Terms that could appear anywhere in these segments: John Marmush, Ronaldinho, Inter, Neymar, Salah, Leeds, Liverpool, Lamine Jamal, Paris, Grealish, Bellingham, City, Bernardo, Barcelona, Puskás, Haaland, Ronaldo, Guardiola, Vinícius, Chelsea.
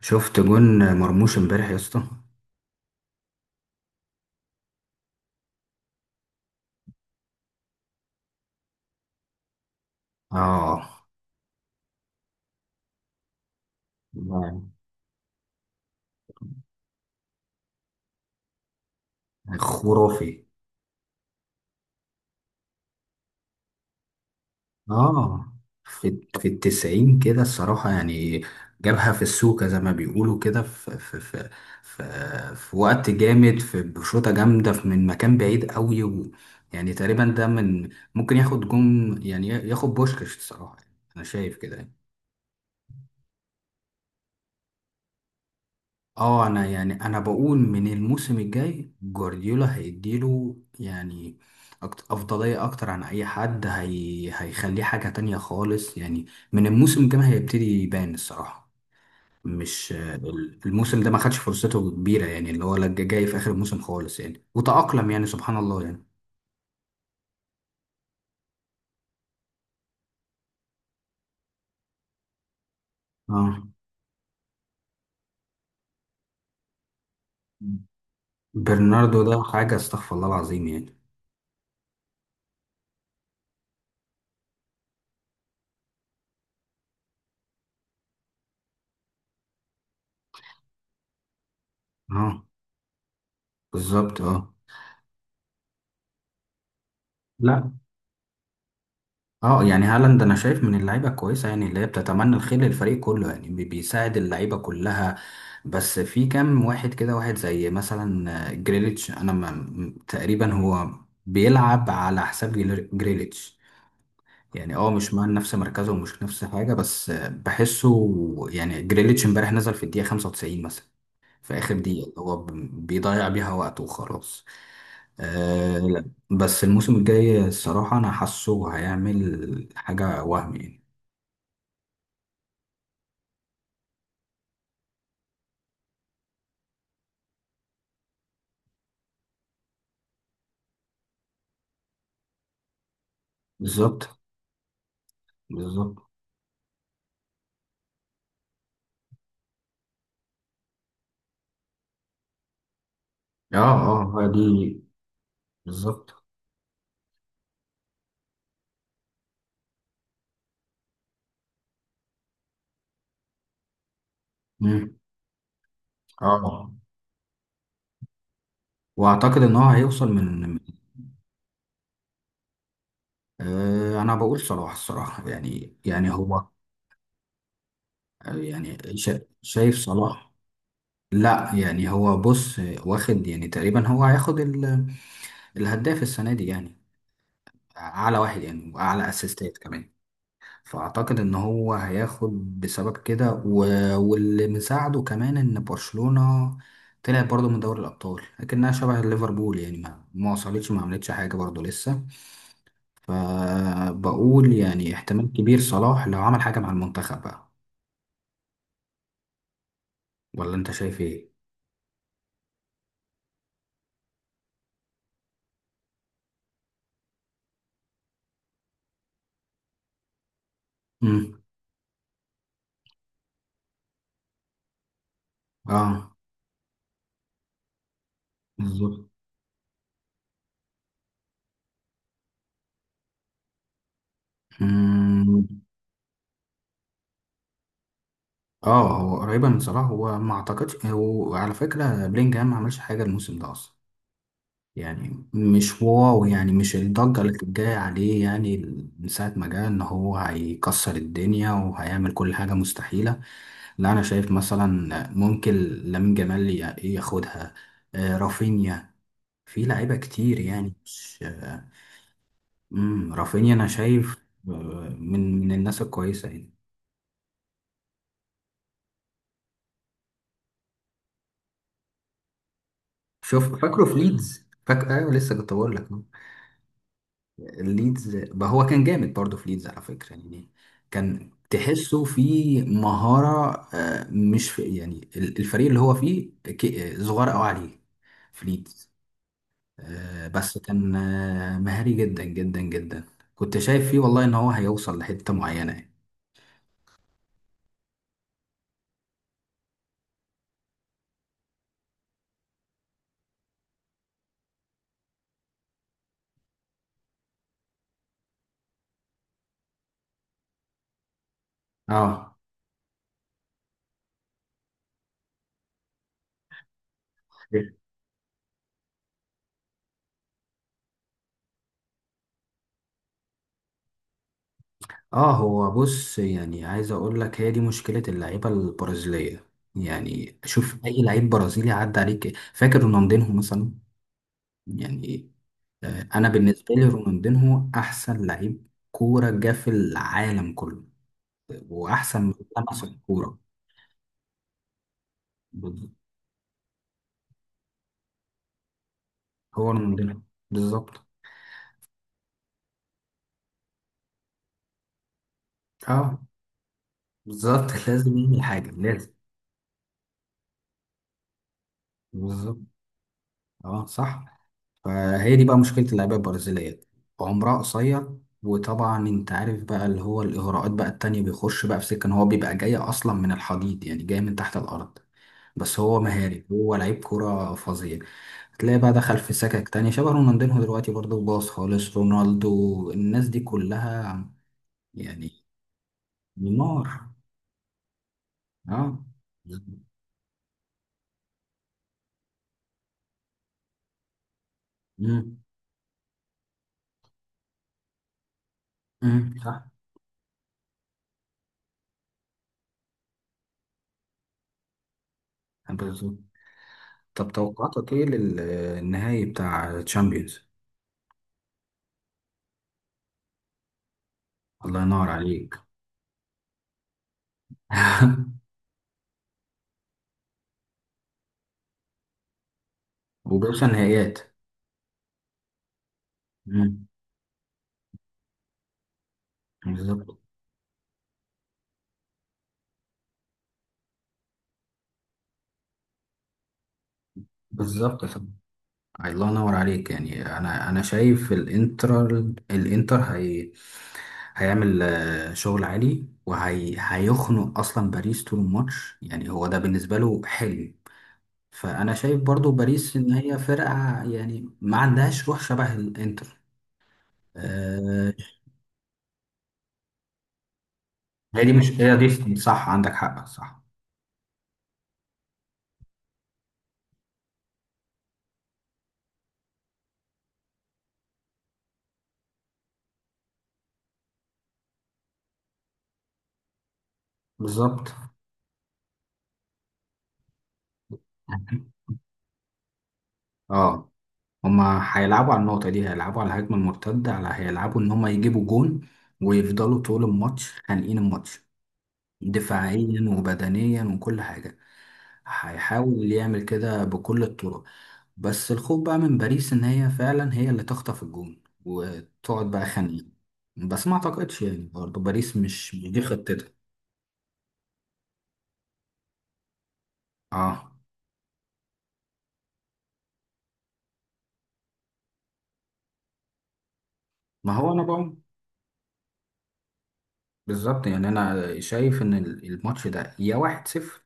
شفت جون مرموش امبارح يا اسطى. اه، خرافي. اه، في التسعين كده الصراحة يعني. جابها في السوكة زي ما بيقولوا كده، في وقت جامد، في بشوطة جامدة، من مكان بعيد قوي، و... يعني تقريبا ده من ممكن ياخد جون، يعني ياخد بوشكاش الصراحة يعني. انا شايف كده يعني. اه، انا يعني انا بقول من الموسم الجاي جوارديولا هيديله يعني افضليه اكتر عن اي حد، هي هيخليه حاجه تانية خالص يعني. من الموسم الجاي هيبتدي يبان الصراحه. مش الموسم ده ما خدش فرصته كبيره يعني، اللي هو لا جاي في اخر الموسم خالص يعني، وتأقلم يعني سبحان الله يعني. اه، برناردو ده حاجه استغفر الله العظيم يعني. اه، بالظبط، اه. لا، اه يعني هالاند انا شايف من اللعيبه الكويسه يعني، اللي هي بتتمنى الخير للفريق كله يعني، بيساعد اللعيبه كلها. بس في كام واحد كده، واحد زي مثلا جريليتش، انا ما م- تقريبا هو بيلعب على حساب جريليتش يعني، اه مش مع نفس مركزه ومش نفس حاجه، بس بحسه. يعني جريليتش امبارح نزل في الدقيقه 95 مثلا، في آخر دقيقة اللي هو بيضيع بيها وقته وخلاص. لا. بس الموسم الجاي الصراحة أنا حاسه هيعمل حاجة وهم يعني. بالظبط، بالظبط، اه، اه، هي دي، بالظبط، مم. اه، وأعتقد إن هو هيوصل من... أنا بقول صلاح الصراحة يعني هو يعني شايف صلاح. لا يعني، هو بص، واخد يعني تقريبا، هو هياخد الهداف السنة دي يعني، اعلى واحد يعني واعلى اسيستات كمان. فاعتقد ان هو هياخد بسبب كده و... واللي مساعده كمان ان برشلونة طلعت برضه من دوري الابطال، لكنها شبه ليفربول يعني، ما وصلتش، ما عملتش حاجه برضه لسه. فبقول يعني احتمال كبير صلاح لو عمل حاجه مع المنتخب بقى. ولا انت شايف ايه؟ امم. اه، بالظبط، امم، اه، هو قريبه من صلاح. هو ما اعتقدش، هو على فكره بلينجهام ما عملش حاجه الموسم ده اصلا، يعني مش واو يعني، مش الضجة اللي كانت جاية عليه يعني من ساعة ما جه، إن هو هيكسر الدنيا وهيعمل كل حاجة مستحيلة. لا أنا شايف مثلا ممكن لامين جمال ياخدها. رافينيا، في لعيبة كتير يعني، مش رافينيا أنا شايف من الناس الكويسة يعني. شوف، فاكره في ليدز؟ فاكر؟ أيوه، لسه كنت بقول لك ليدز بقى، هو كان جامد برضه في ليدز على فكرة يعني، كان تحسه في مهارة، مش في يعني الفريق اللي هو فيه صغير قوي عليه، في ليدز. بس كان مهاري جدا جدا جدا، كنت شايف فيه والله ان هو هيوصل لحتة معينة يعني. اه، اه، هو بص، يعني عايز اقول لك، هي دي مشكلة اللعيبة البرازيلية. يعني شوف اي لعيب برازيلي عدى عليك، فاكر رونالدينهو مثلا، يعني انا بالنسبه لي رونالدينهو احسن لعيب كوره جه في العالم كله، واحسن من لمس الكوره. بالظبط. هو رونالدينهو. بالظبط، اه، بالظبط. لازم يعمل حاجه لازم. بالظبط، اه، صح. فهي دي بقى مشكله اللعيبه البرازيليه، عمرها قصير. وطبعا انت عارف بقى، اللي هو الاغراءات بقى التانية بيخش بقى في سكه، ان هو بيبقى جاي اصلا من الحضيض يعني، جاي من تحت الارض. بس هو مهاري، هو لعيب كوره فظيع. هتلاقيه بقى دخل في سكك تاني شبه رونالدينهو، دلوقتي برضه باظ خالص، رونالدو، الناس دي كلها يعني. نيمار، اه، امم، امم، صح، بالظبط. طب توقعاتك ايه للنهائي بتاع تشامبيونز؟ الله ينور عليك. وبيوصل نهائيات. امم، بالظبط، بالظبط. الله ينور عليك يعني، انا شايف الانتر، الانتر هي هيعمل شغل عالي، وهي هيخنق اصلا باريس طول الماتش يعني، هو ده بالنسبه له حلم. فانا شايف برضو باريس ان هي فرقه يعني ما عندهاش روح شبه الانتر، آه، هي دي، مش هي دي، صح، عندك حق، صح. بالظبط، اه، هما هيلعبوا على النقطة دي، هيلعبوا على الهجمة المرتدة، على هيلعبوا ان هما يجيبوا جون، ويفضلوا طول الماتش خانقين الماتش دفاعيا وبدنيا وكل حاجة. هيحاول يعمل كده بكل الطرق. بس الخوف بقى من باريس، ان هي فعلا هي اللي تخطف الجون وتقعد بقى خانقة. بس ما اعتقدش يعني، برضه باريس مش دي خطتها. اه، ما هو انا بقى بالظبط يعني، انا شايف ان الماتش ده يا واحد صفر،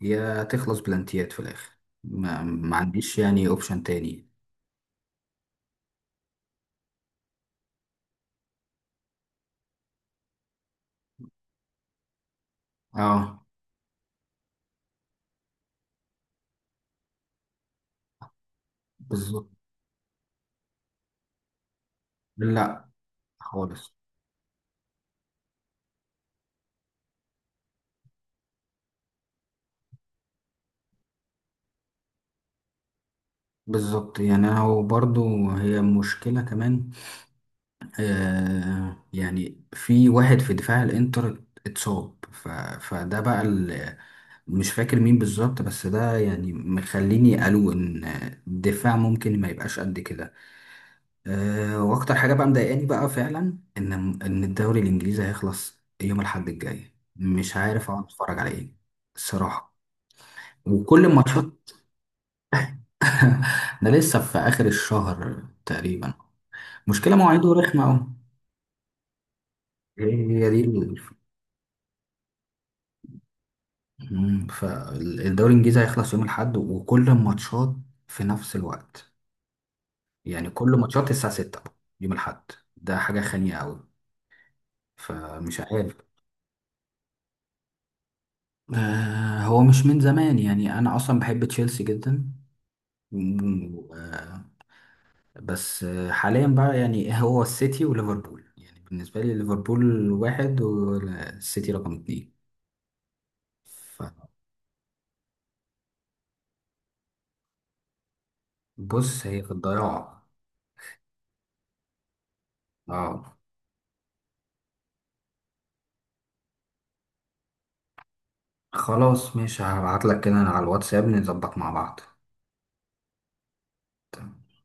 يا تخلص بلانتيات في الاخر. ما عنديش يعني اوبشن تاني. اه، بالظبط، لا، خالص، بالظبط يعني. انا وبرضه، هي مشكلة كمان، يعني في واحد في دفاع الانتر اتصاب، ف... فده بقى مش فاكر مين بالظبط، بس ده يعني مخليني قالوا ان الدفاع ممكن ما يبقاش قد كده. واكتر حاجة بقى مضايقاني بقى فعلا، ان الدوري الانجليزي هيخلص يوم الاحد الجاي، مش عارف اقعد اتفرج على ايه الصراحة، وكل الماتشات. ده لسه في اخر الشهر تقريبا. مشكلة مواعيده رخمة أوي. هي دي فالدوري الإنجليزي هيخلص يوم الأحد، وكل الماتشات في نفس الوقت، يعني كل ماتشات الساعة 6 يوم الأحد، ده حاجة خانية أوي، فمش عارف. هو مش من زمان يعني، أنا أصلا بحب تشيلسي جدا. مم، آه. بس حاليا بقى يعني هو السيتي وليفربول يعني، بالنسبة لي ليفربول واحد والسيتي رقم اتنين. فبص هي في الضياع. اه، خلاص ماشي، هبعت لك كده على الواتساب، نظبط مع بعض. تمام.